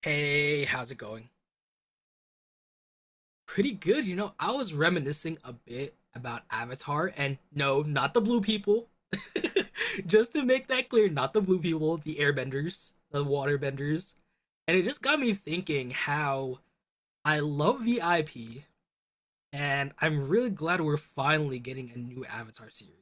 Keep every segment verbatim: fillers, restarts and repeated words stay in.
Hey, how's it going? Pretty good. You know, I was reminiscing a bit about Avatar, and no, not the blue people. Just to make that clear, not the blue people, the airbenders, the waterbenders. And it just got me thinking how I love the I P, and I'm really glad we're finally getting a new Avatar series.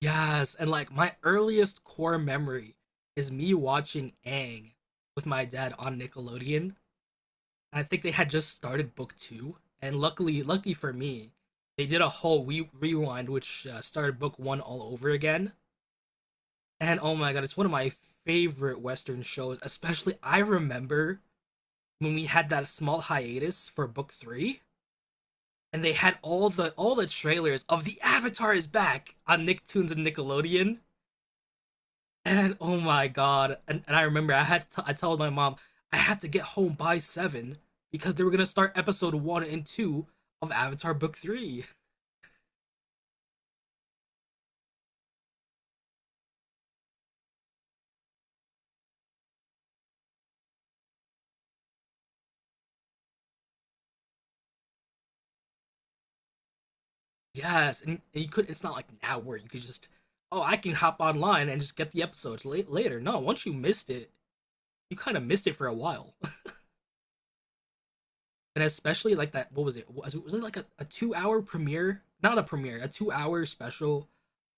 Yes, and like my earliest core memory is me watching Aang with my dad on Nickelodeon. I think they had just started book two, and luckily, lucky for me, they did a whole re- rewind, which uh, started book one all over again. And oh my god, it's one of my favorite Western shows. Especially, I remember when we had that small hiatus for book three, and they had all the all the trailers of the Avatar is back on Nicktoons and Nickelodeon. And oh my god! And, and I remember I had to, I told my mom I had to get home by seven because they were gonna start episode one and two of Avatar Book Three. Yes, and, and you could. It's not like now where you could just oh I can hop online and just get the episodes late, later. No, once you missed it, you kind of missed it for a while. And especially like that, what was it? Was, it, was it like a, a two hour premiere? Not a premiere, a two hour special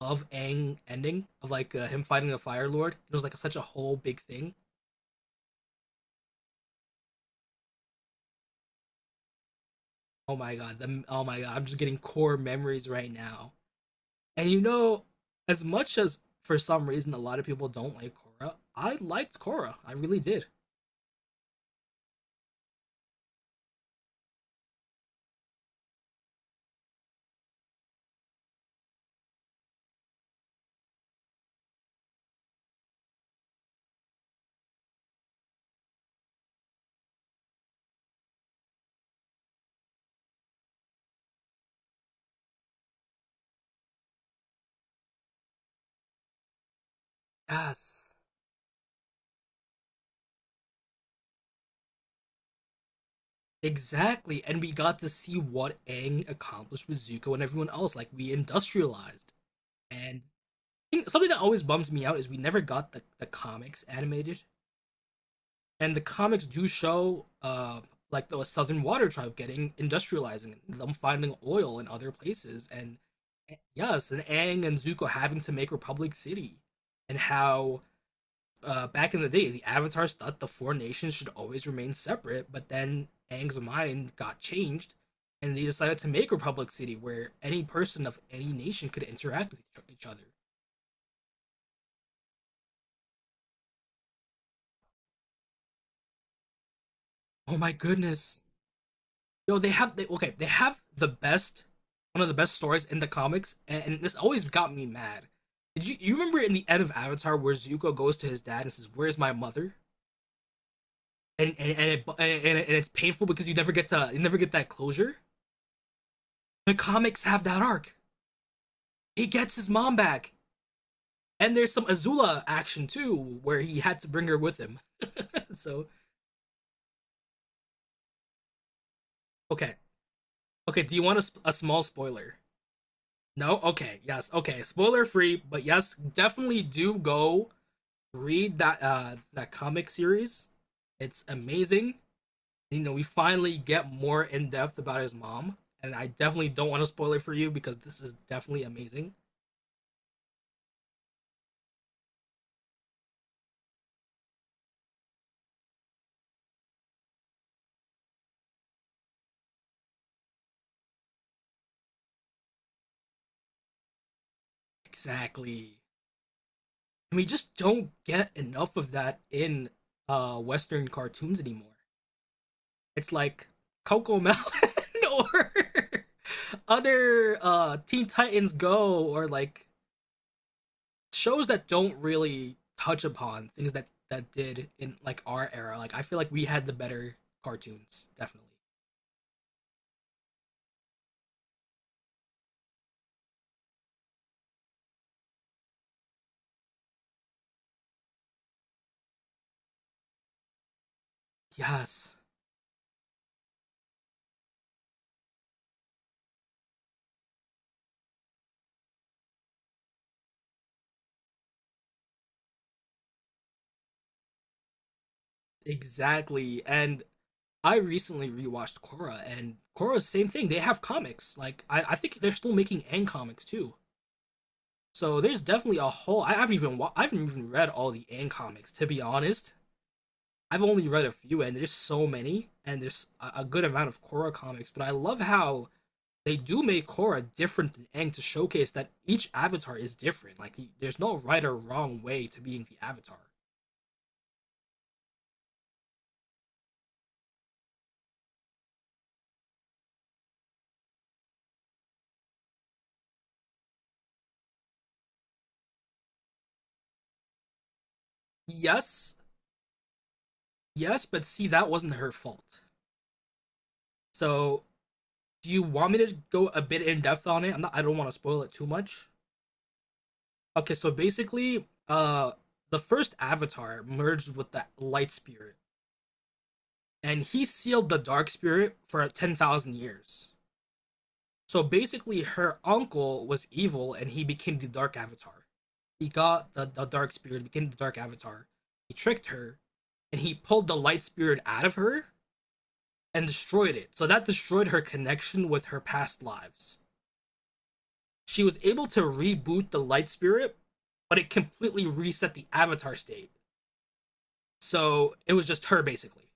of Aang ending of like uh, him fighting the Fire Lord. It was like such a whole big thing. Oh my god, the, oh my god, I'm just getting core memories right now. And you know, as much as for some reason a lot of people don't like Korra, I liked Korra. I really did. Yes, exactly. And we got to see what Aang accomplished with Zuko and everyone else. Like we industrialized. And something that always bums me out is we never got the, the comics animated. And the comics do show uh like the Southern Water Tribe getting industrializing, them finding oil in other places, and eh, yes, and Aang and Zuko having to make Republic City, and how uh, back in the day the Avatars thought the four nations should always remain separate, but then Aang's mind got changed, and they decided to make Republic City where any person of any nation could interact with each other. Oh my goodness! Yo, they have they, okay, they have, the best one of the best stories in the comics, and, and this always got me mad. Did you you remember in the end of Avatar where Zuko goes to his dad and says, "Where's my mother?" and and and, it, and, and, it's painful because you never get to you never get that closure. The comics have that arc. He gets his mom back, and there's some Azula action too where he had to bring her with him. So okay, okay. Do you want a, a small spoiler? No. Okay. Yes. Okay. Spoiler free, but yes, definitely do go read that uh that comic series. It's amazing. You know, we finally get more in depth about his mom, and I definitely don't want to spoil it for you because this is definitely amazing. Exactly. And we just don't get enough of that in uh western cartoons anymore. It's like Coco Melon or other uh Teen Titans Go or like shows that don't really touch upon things that that did in like our era. Like I feel like we had the better cartoons, definitely. Yes, exactly. And I recently rewatched Korra, and Korra's same thing. They have comics. Like I, I think they're still making Ang comics too. So there's definitely a whole. I haven't even I haven't even read all the Ang comics to be honest. I've only read a few, and there's so many, and there's a good amount of Korra comics. But I love how they do make Korra different than Aang to showcase that each avatar is different. Like there's no right or wrong way to being the avatar. Yes, yes, but see that wasn't her fault. So do you want me to go a bit in depth on it? I'm not I don't want to spoil it too much. Okay, so basically, uh the first avatar merged with the light spirit and he sealed the dark spirit for ten thousand years. So basically, her uncle was evil, and he became the Dark Avatar. He got the, the Dark Spirit, became the Dark Avatar. He tricked her, and he pulled the Light Spirit out of her and destroyed it. So that destroyed her connection with her past lives. She was able to reboot the Light Spirit, but it completely reset the Avatar state. So it was just her, basically.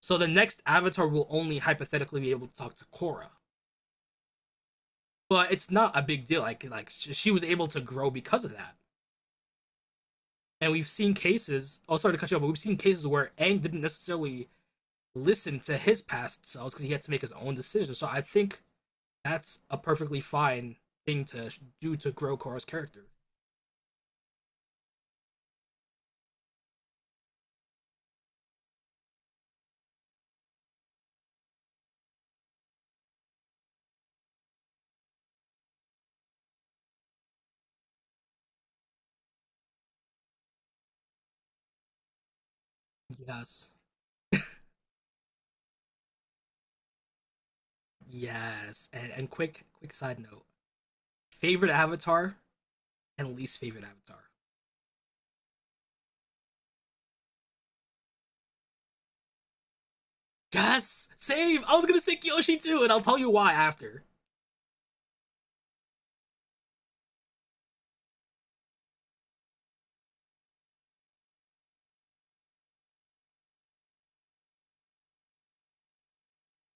So the next Avatar will only hypothetically be able to talk to Korra. But it's not a big deal. Like, like she was able to grow because of that. And we've seen cases, oh, sorry to cut you off, but we've seen cases where Aang didn't necessarily listen to his past selves because he had to make his own decisions. So I think that's a perfectly fine thing to do to grow Korra's character. Yes. Yes. And, and quick, quick side note favorite avatar and least favorite avatar. Yes! Same! I was gonna say Kyoshi too, and I'll tell you why after.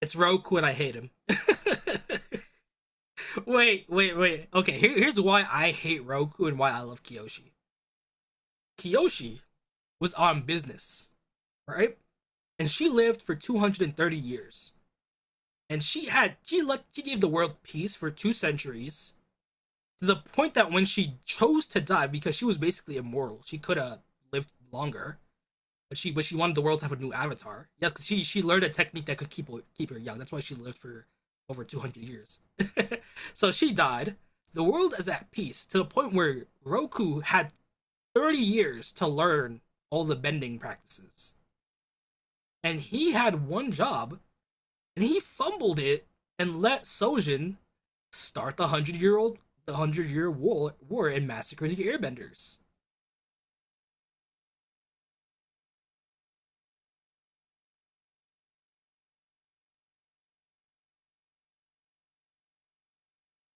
It's Roku and I hate him. Wait, wait, wait. Okay, here, here's why I hate Roku and why I love Kyoshi. Kiyoshi was on business, right? And she lived for two hundred thirty years. And she had she let she gave the world peace for two centuries to the point that when she chose to die because she was basically immortal, she could have lived longer. But she but she wanted the world to have a new avatar. Yes, because she she learned a technique that could keep keep her young. That's why she lived for over two hundred years. So she died. The world is at peace to the point where Roku had thirty years to learn all the bending practices. And he had one job, and he fumbled it and let Sojin start the hundred year old the hundred year war war and massacre the airbenders.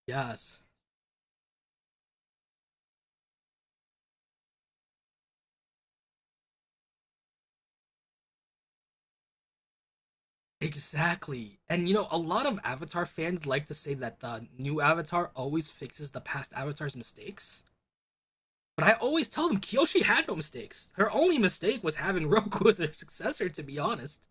Yes. Exactly. And you know, a lot of Avatar fans like to say that the new Avatar always fixes the past Avatar's mistakes. But I always tell them Kyoshi had no mistakes. Her only mistake was having Roku as her successor, to be honest.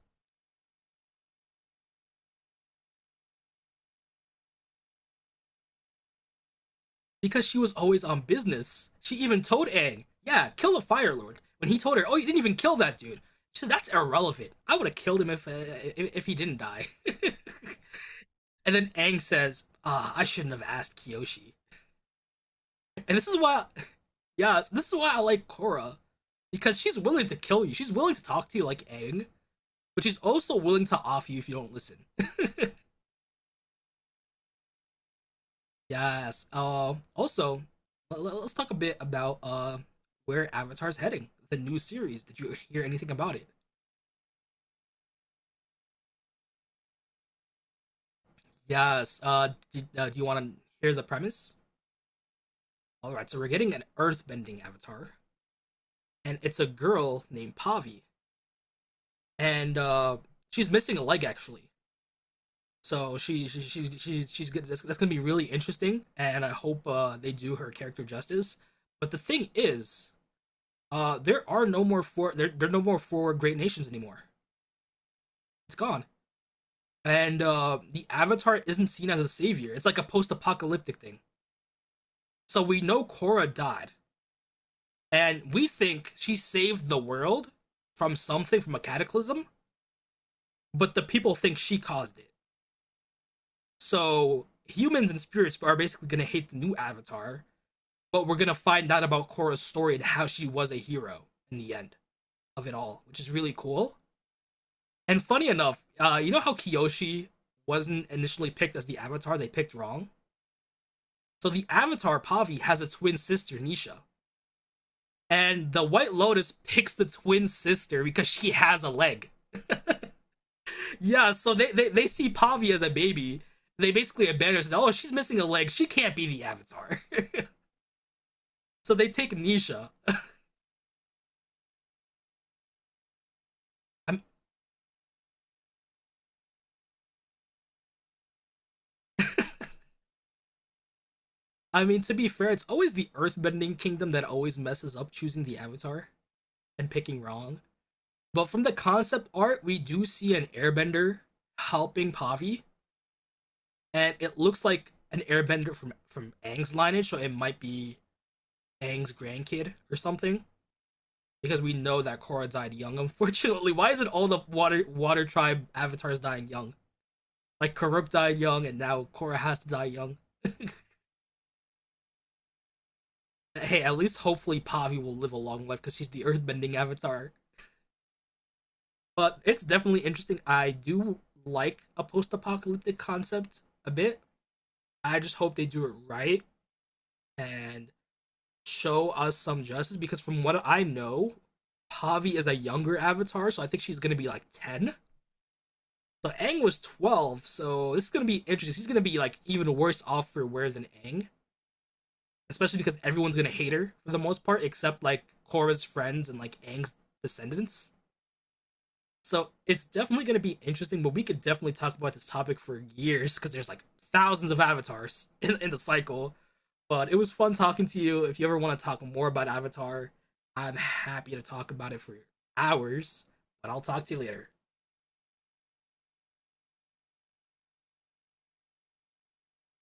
Because she was always on business. She even told Aang, yeah, kill the Fire Lord. When he told her, oh, you didn't even kill that dude. She said, that's irrelevant. I would have killed him if, uh, if if he didn't die. And then Aang says, ah, oh, I shouldn't have asked Kyoshi. And this is why, yeah, this is why I like Korra. Because she's willing to kill you. She's willing to talk to you like Aang, but she's also willing to off you if you don't listen. Yes. Um. also, let- let- us talk a bit about uh where Avatar's heading. The new series. Did you hear anything about it? Yes. Uh. d uh, Do you want to hear the premise? All right. So we're getting an earthbending Avatar, and it's a girl named Pavi, and uh, she's missing a leg actually. So she, she, she she's she's good. That's, that's gonna be really interesting, and I hope uh, they do her character justice. But the thing is, uh, there are no more for there there are no more four great nations anymore. It's gone. And uh, the Avatar isn't seen as a savior. It's like a post-apocalyptic thing. So we know Korra died, and we think she saved the world from something, from a cataclysm, but the people think she caused it. So humans and spirits are basically gonna hate the new Avatar, but we're gonna find out about Korra's story and how she was a hero in the end of it all, which is really cool. And funny enough, uh, you know how Kyoshi wasn't initially picked as the Avatar; they picked wrong. So the Avatar Pavi has a twin sister, Nisha. And the White Lotus picks the twin sister because she has a leg. Yeah, so they, they, they see Pavi as a baby. They basically abandon her says, oh, she's missing a leg. She can't be the Avatar. So they take Nisha. i I mean, to be fair, it's always the earthbending kingdom that always messes up choosing the Avatar and picking wrong. But from the concept art, we do see an airbender helping Pavi and it looks like an airbender from from Aang's lineage, so it might be Aang's grandkid or something. Because we know that Korra died young, unfortunately. Why is it all the water water tribe avatars dying young? Like Karuk died young, and now Korra has to die young. Hey, at least hopefully Pavi will live a long life because she's the earthbending avatar. But it's definitely interesting. I do like a post-apocalyptic concept a bit. I just hope they do it right and show us some justice because from what I know, Pavi is a younger avatar, so I think she's gonna be like ten. So Aang was twelve, so this is gonna be interesting. She's gonna be like even worse off for wear than Aang. Especially because everyone's gonna hate her for the most part, except like Korra's friends and like Aang's descendants. So it's definitely going to be interesting, but we could definitely talk about this topic for years because there's like thousands of avatars in, in the cycle. But it was fun talking to you. If you ever want to talk more about Avatar, I'm happy to talk about it for hours. But I'll talk to you later.